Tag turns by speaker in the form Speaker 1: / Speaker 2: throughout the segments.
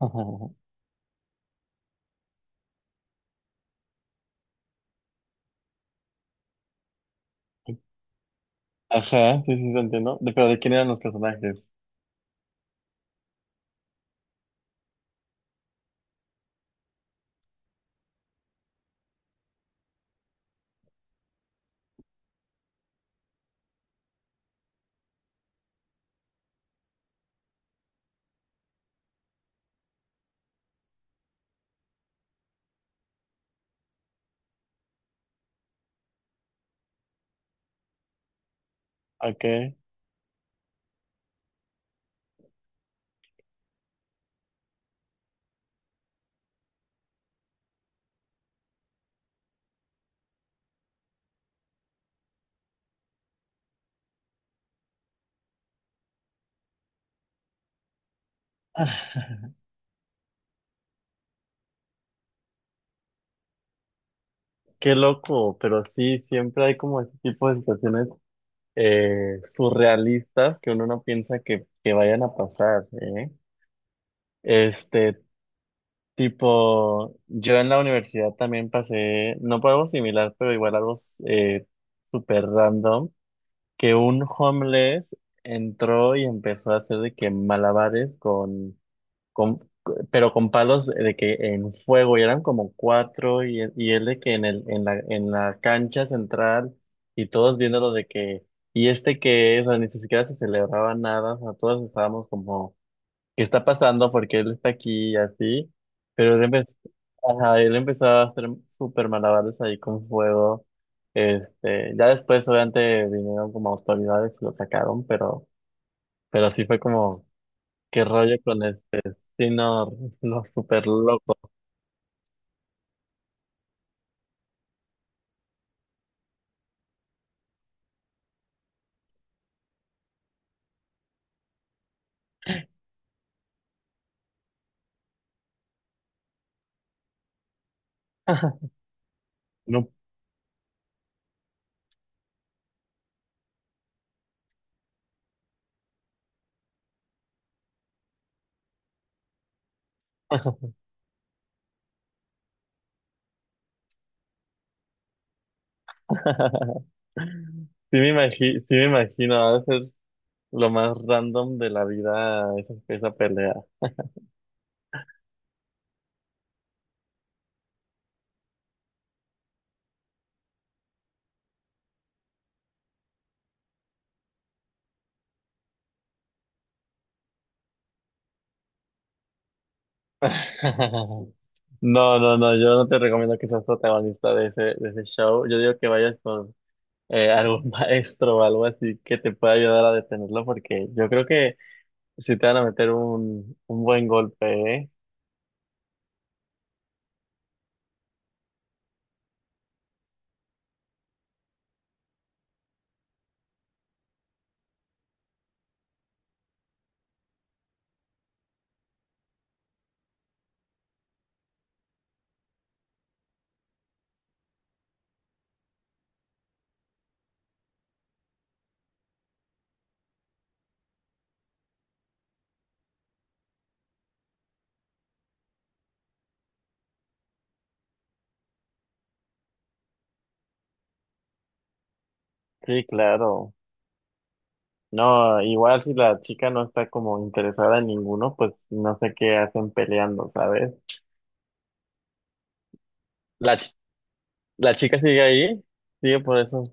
Speaker 1: Ajá, sí, sí, te entiendo. Pero ¿de quién eran los personajes? ¿A qué? Ah, qué loco, pero sí, siempre hay como ese tipo de situaciones surrealistas que uno no piensa que vayan a pasar, ¿eh? Este, tipo, yo en la universidad también pasé, no por algo similar, pero igual algo eh, súper random, que un homeless entró y empezó a hacer de que malabares con, pero con palos de que en fuego y eran como cuatro y él de que en en la cancha central y todos viéndolo de que, y este qué es, o sea, ni siquiera se celebraba nada, o sea, todos estábamos como, ¿qué está pasando? Porque él está aquí y así, pero él empezó, ajá, él empezó a hacer súper malabares ahí con fuego. Ya después obviamente vinieron como autoridades y lo sacaron, pero sí fue como, ¿qué rollo con eso? Sí, no, no, súper loco. No. Sí me imagino, va a ser lo más random de la vida esa, esa pelea. No, no, no, yo no te recomiendo que seas protagonista de ese show. Yo digo que vayas con algún maestro o algo así que te pueda ayudar a detenerlo, porque yo creo que si te van a meter un buen golpe, ¿eh? Sí, claro. No, igual si la chica no está como interesada en ninguno, pues no sé qué hacen peleando, ¿sabes? La, ch- la chica sigue ahí, sigue por eso.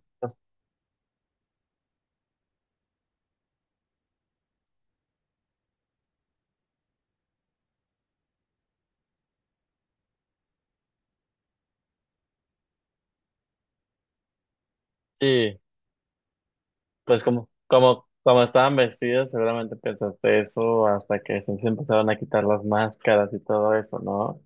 Speaker 1: Sí, pues como, como, como estaban vestidos, seguramente pensaste eso hasta se empezaron a quitar las máscaras y todo eso, ¿no?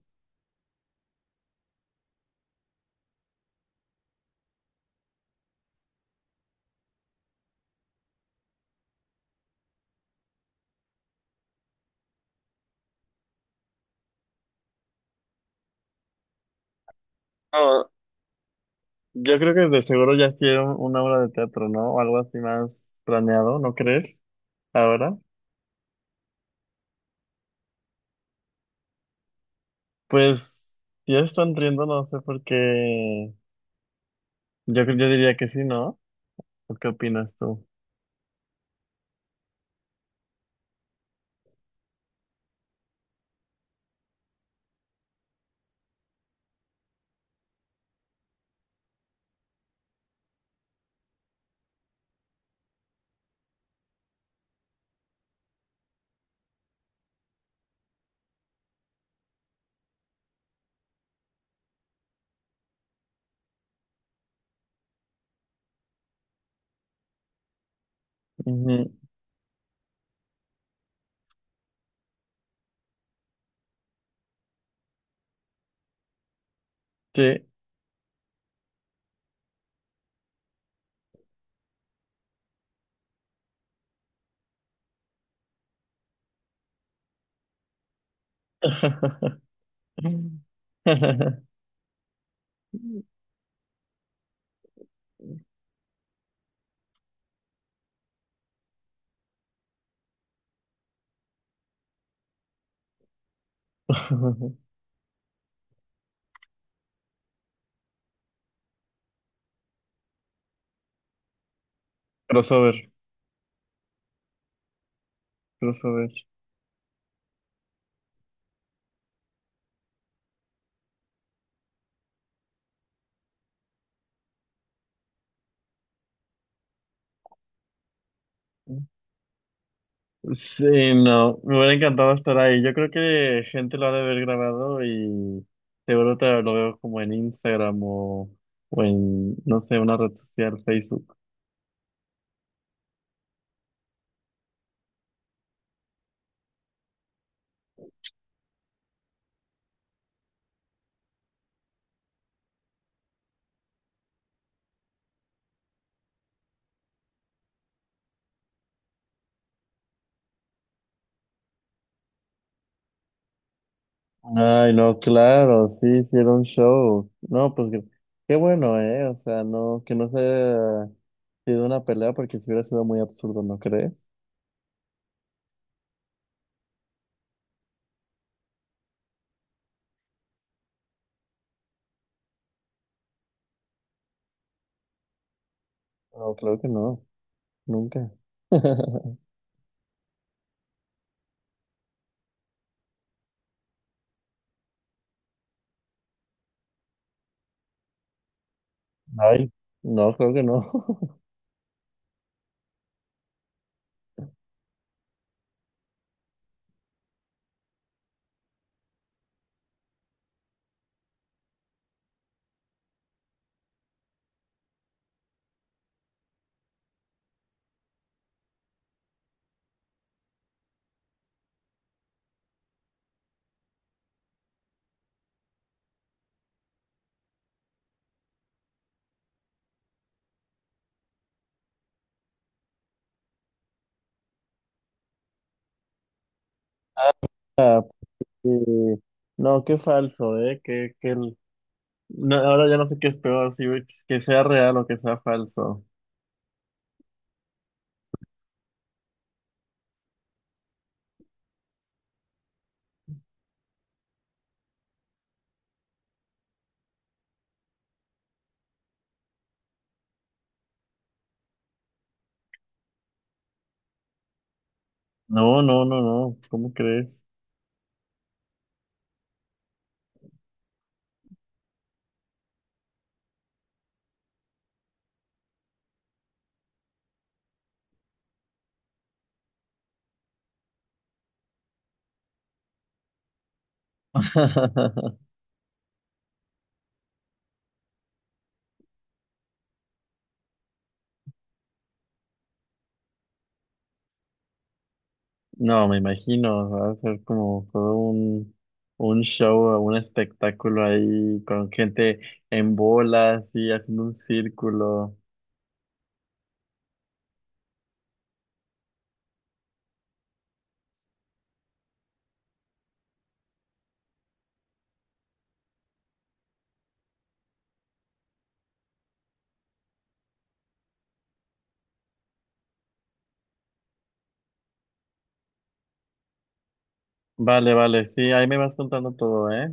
Speaker 1: No, yo creo que de seguro ya hicieron una obra de teatro, ¿no? O algo así más planeado, ¿no crees? Ahora, pues ya están riendo, no sé por qué. Yo, yo diría que sí, ¿no? ¿O qué opinas tú? Ujú. Sí. Crossover, crossover. Sí, no, me hubiera encantado estar ahí. Yo creo que gente lo ha de haber grabado y seguro te lo veo como en Instagram o en, no sé, una red social, Facebook. Ay, no, claro, sí, hicieron show. No, pues qué, qué bueno, ¿eh? O sea, no, que no se haya sido una pelea porque si hubiera sido muy absurdo, ¿no crees? No, creo que no, nunca. Ay, no, creo que no. Ah, sí. No, qué falso, ¿eh? No, ahora ya no sé qué es peor, si que sea real o que sea falso. No, no, no, no, ¿cómo crees? No, me imagino, va a ser como todo un show, un espectáculo ahí con gente en bolas y haciendo un círculo. Vale, vale, sí, ahí me vas contando todo, ¿eh?